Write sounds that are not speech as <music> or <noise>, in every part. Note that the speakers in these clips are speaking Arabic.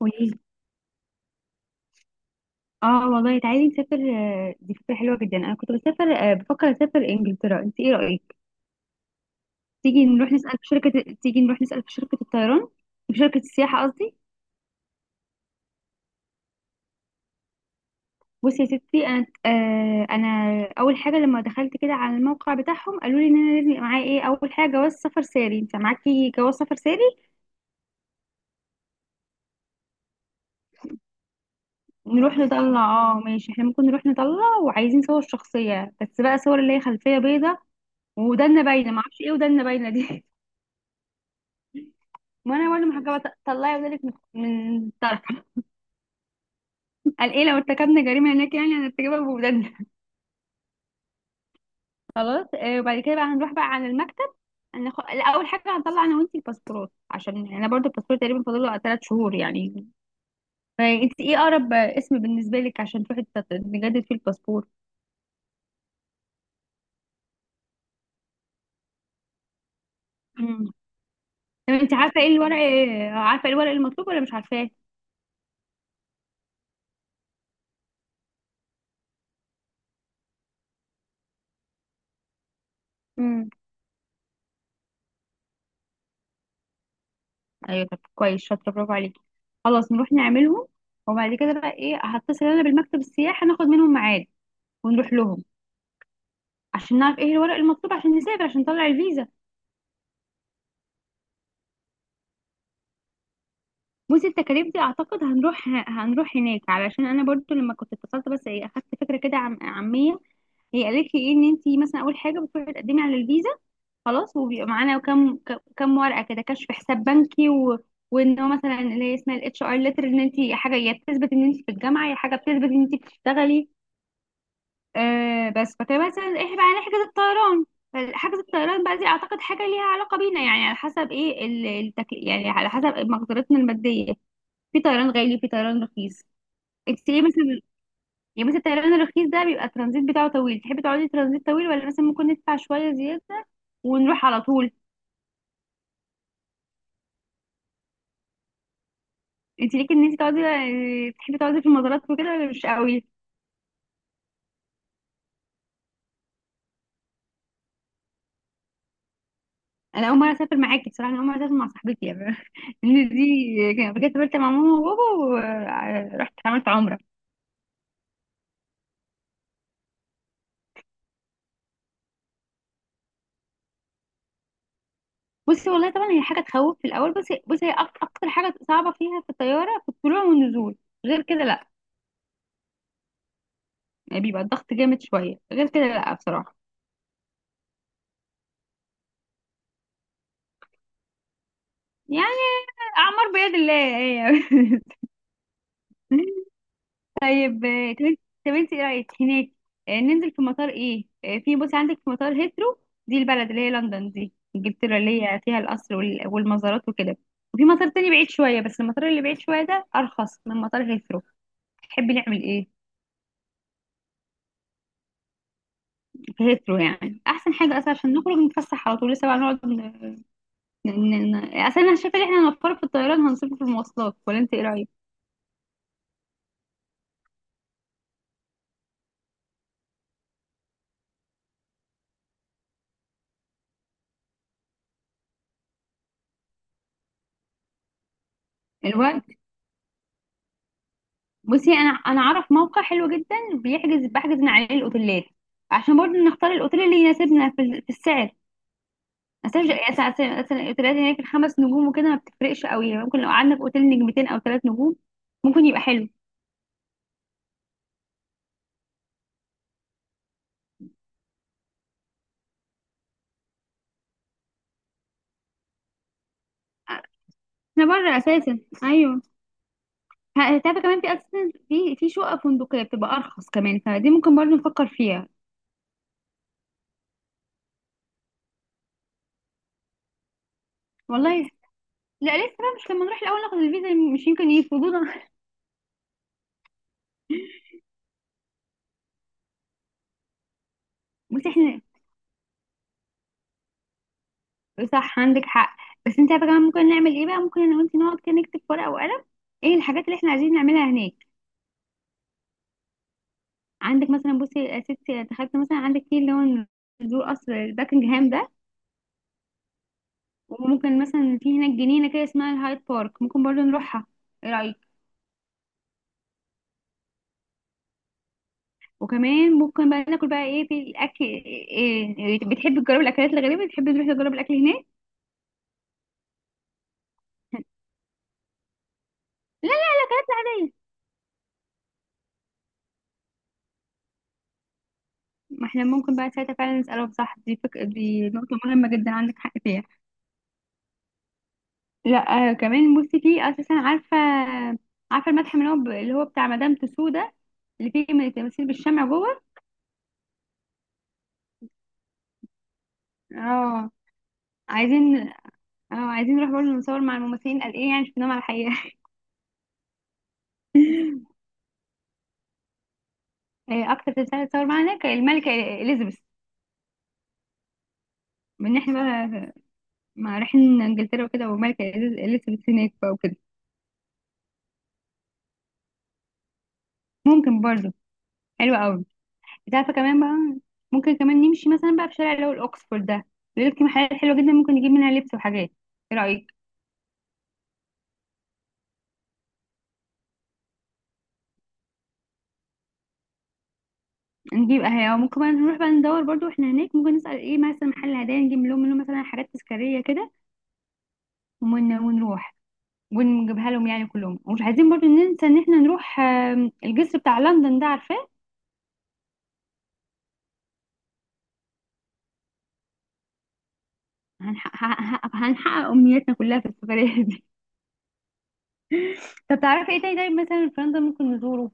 قوليلي. اه والله، تعالي نسافر. دي فكرة حلوة جدا. انا كنت بسافر. بفكر اسافر انجلترا، انت ايه رأيك؟ تيجي نروح نسأل في شركة الطيران، في شركة السياحة قصدي. بصي يا ستي، انا اول حاجة لما دخلت كده على الموقع بتاعهم قالوا لي ان انا لازم يبقى معايا ايه. اول حاجة جواز سفر ساري. انت معاكي جواز سفر ساري؟ نروح نطلع، اه ماشي. احنا ممكن نروح نطلع، وعايزين صور شخصية، بس بقى صور اللي هي خلفية بيضة، ودنا باينة. معرفش ايه ودنا باينة دي. ما انا برضه محجبه. طلعي ولادك من طرف. قال ايه، لو ارتكبنا جريمه هناك يعني هنرتكبها بولادنا. <laughs> خلاص. وبعد كده بقى هنروح بقى على المكتب. لا، اول حاجه هنطلع انا وانتي الباسبورات، عشان يعني انا برضه الباسبور تقريبا فاضل له 3 شهور يعني. فانت ايه اقرب اسم بالنسبه لك عشان تروحي نجدد فيه الباسبور؟ امم طب انت عارفه ايه الورق، عارفه ايه الورق المطلوب ولا مش عارفاه؟ امم ايوه، طب كويس، شاطره، برافو عليكي. خلاص نروح نعملهم. وبعد كده بقى ايه، هتصل انا بالمكتب السياحه، ناخد منهم ميعاد ونروح لهم عشان نعرف ايه الورق المطلوب عشان نسافر، عشان نطلع الفيزا. بصي التكاليف دي، اعتقد هنروح هناك، علشان انا برضو لما كنت اتصلت بس ايه اخدت فكره كده عم عاميه. هي قالت لي ايه، ان انت مثلا اول حاجه بتروحي تقدمي على الفيزا خلاص، وبيبقى معانا كم كم ورقه كده، كشف حساب بنكي، وان هو مثلا اللي هي اسمها الاتش ار ليتر، ان انت حاجه يا بتثبت ان انت في الجامعه، يا حاجه بتثبت ان انت بتشتغلي. بس فكان مثلا احنا بقى نحجز الطيران. فحجز الطيران بقى دي اعتقد حاجه ليها علاقه بينا، يعني على حسب ايه يعني على حسب مقدرتنا الماديه. في طيران غالي، في طيران رخيص. انت ايه مثلا؟ يعني مثلا الطيران الرخيص ده بيبقى الترانزيت بتاعه طويل، تحبي تقعدي ترانزيت طويل ولا مثلا ممكن ندفع شويه زياده ونروح على طول؟ انت ليكي ان انت تقعدي آه، تحبي تقعدي في المزارات وكده ولا مش قوي؟ انا اول مره اسافر معاكي بصراحه، انا اول مره اسافر مع صاحبتي يعني. <laughs> ان دي كانت سافرت مع ماما وبابا ورحت عملت عمره. بصي والله، طبعا هي حاجه تخوف في الاول، بس بصي هي اكتر حاجه صعبه فيها في الطياره في الطلوع والنزول، غير كده لا. يعني بيبقى الضغط جامد شويه، غير كده لا بصراحه. يعني اعمار بيد الله يعني. <laughs> طيب، آه، طب انت طب انت ايه رايك هناك؟ ننزل في مطار ايه؟ آه، في بصي عندك في مطار هيثرو، دي البلد اللي هي لندن، دي انجلترا، اللي هي فيها القصر والمزارات وكده. وفي مطار تاني بعيد شويه، بس المطار اللي بعيد شويه ده ارخص من مطار هيثرو. تحبي نعمل ايه؟ ريترو يعني احسن حاجه اصلا، عشان نخرج نتفسح على طول. لسه بقى نقعد اصلا انا شايفه ان احنا هنوفر في الطيران، هنصرف في المواصلات. ولا انت ايه رايك؟ الوقت. بصي، انا اعرف موقع حلو جدا بحجز من عليه الاوتيلات، عشان برضه نختار الاوتيل اللي يناسبنا في، في السعر، مثلا. مثلا الاوتيلات هناك الخمس نجوم وكده ما بتفرقش قوي، يعني ممكن لو قعدنا في اوتيل نجمتين او 3 نجوم ممكن يبقى حلو. احنا بره اساسا، ايوه. تعرفي كمان في اساسا في شقق فندقيه بتبقى ارخص كمان، فدي ممكن برضه نفكر فيها. والله لا، لسه بقى، مش لما نروح الاول ناخد الفيزا؟ مش يمكن يرفضونا. <laughs> بس احنا صح، عندك حق. بس انت عارفه كمان ممكن نعمل ايه بقى؟ ممكن انا وانت نقعد كده نكتب في ورقه وقلم ايه الحاجات اللي احنا عايزين نعملها هناك. عندك مثلا، بصي يا ستي تخيلت مثلا عندك في اللي هو نزور قصر باكنجهام ده. وممكن مثلا في هناك جنينه كده اسمها الهايد بارك ممكن برضو نروحها. ايه رايك؟ وكمان ممكن بقى ناكل بقى ايه في الاكل، إيه بتحب تجرب الاكلات الغريبه؟ بتحب تروح تجرب الاكل هناك؟ <laughs> لا، ما احنا ممكن بقى ساعتها فعلا نسألهم، صح؟ دي دي نقطة مهمة جدا، عندك حق فيها. لا كمان بصي في أساسا، عارفة، عارفة المتحف اللي هو اللي هو بتاع مدام تسو ده، اللي فيه من التماثيل بالشمع جوه. اه عايزين، اه عايزين نروح برضه نصور مع الممثلين، قال ايه يعني شفناهم على الحقيقة. <laughs> أكتر تمثال اتصور معانا كان الملكة إليزابيث. من احنا بقى، مع رايحين انجلترا وكده، والملكة إليزابيث هناك بقى وكده. ممكن برضه. حلو قوي. انت عارفه كمان بقى، ممكن كمان نمشي مثلا بقى في شارع اللي هو الاوكسفورد ده. بيقول لك في محلات حلوه جدا ممكن نجيب منها لبس وحاجات. ايه رايك؟ نجيب اهي، أو ممكن بقى نروح بقى ندور برضو احنا هناك، ممكن نسال ايه مثلا محل هدايا نجيب لهم منه مثلا حاجات تذكاريه كده. ونروح ونجيبها لهم يعني كلهم. ومش عايزين برضو ننسى ان احنا نروح الجسر بتاع لندن ده، عارفاه؟ هنحقق امنياتنا كلها في السفريه دي. <laughs> طب تعرفي ايه تاني طيب مثلا في لندن ممكن نزوره؟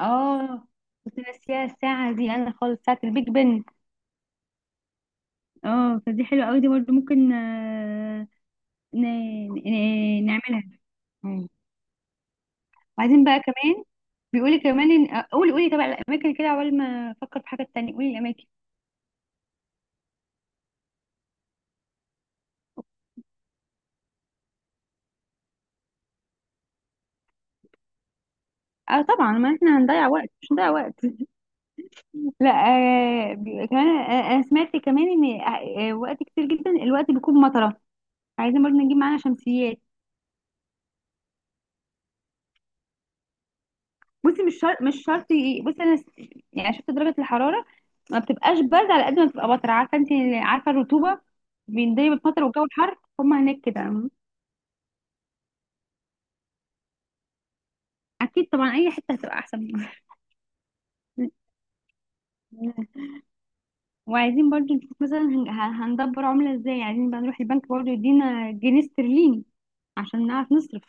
اه، كنت ناسيها الساعه دي انا خالص، ساعه البيج بن. اه، فدي حلوة قوي، دي برضه ممكن نعملها. مم. وبعدين بقى كمان بيقولي كمان ان، قولي. طبعا الاماكن كده عقبال ما افكر في حاجة تانية قولي الاماكن. اه طبعا، ما احنا هنضيع وقت، مش هنضيع وقت. <laughs> لا. آه بي- كمان آه انا سمعت كمان ان، وقت كتير جدا الوقت بيكون مطرة. عايزين برضه نجيب معانا شمسيات. بصي مش شرط مش شرط، بصي يعني شفت درجه الحراره، ما بتبقاش برد على قد ما بتبقى بطر، عارفه انت، عارفه الرطوبه. بيندرج بالمطر والجو الحر هما هناك كده. اكيد طبعا، اي حته هتبقى احسن. <laughs> وعايزين برضو نشوف مثلا هندبر عمله ازاي، عايزين بقى نروح البنك برضو يدينا جنيه استرليني عشان نعرف نصرف.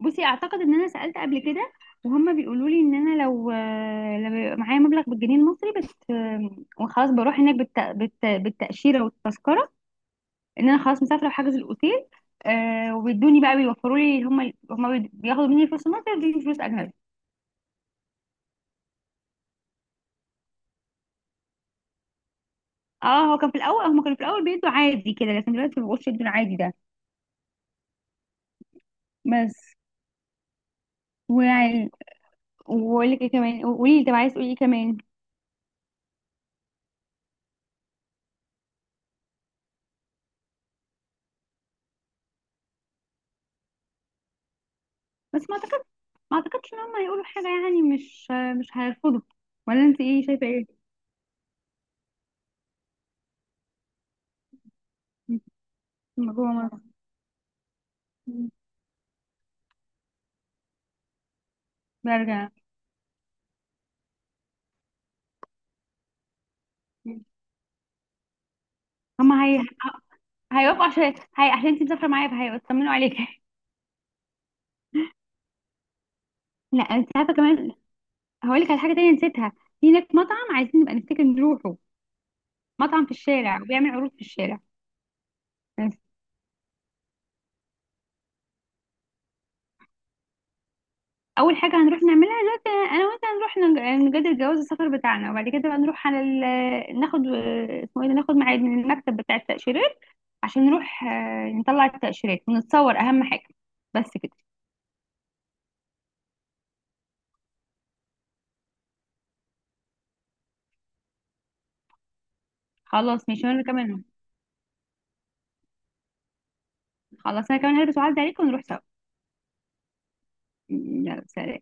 بصي، اعتقد ان انا سالت قبل كده وهما بيقولوا لي ان انا لو، بيبقى معايا مبلغ بالجنيه المصري بت وخلاص بروح هناك بالتاشيره والتذكره، ان انا خلاص مسافره وحاجز الاوتيل. آه وبيدوني بقى، بيوفروا لي، هم بياخدوا مني فلوس مصر وبيدوني فلوس اجنبي. اه، هو كان في الاول، هم كانوا في الاول بيدوا عادي كده، لكن دلوقتي ما بقوش يدوا العادي ده. بس ويعني، واقول لك ايه كمان، قولي لي طب عايز تقولي ايه كمان. بس ما اعتقدش ان هم هيقولوا حاجه، يعني مش هيرفضوا. ولا انت ايه شايفه ايه؟ لما جوه مصر برجع. هم هي هيوافقوا، عشان هي عشان انت مسافره معايا فهيطمنوا عليك. <laughs> لا انت عارفه كمان، هقول لك على حاجه تانية نسيتها. في هناك مطعم عايزين نبقى نفتكر نروحه، مطعم في الشارع وبيعمل عروض في الشارع. اول حاجه هنروح نعملها دلوقتي انا وانت، هنروح نجدد جواز السفر بتاعنا. وبعد كده بقى نروح على ناخد، اسمه ايه ده؟ ناخد ميعاد من المكتب بتاع التاشيرات، عشان نروح نطلع التاشيرات ونتصور. اهم حاجه بس كده. خلاص ماشي وانا كمان. خلاص انا كمان هلبس وعدي عليك ونروح سوا. يلا سلام.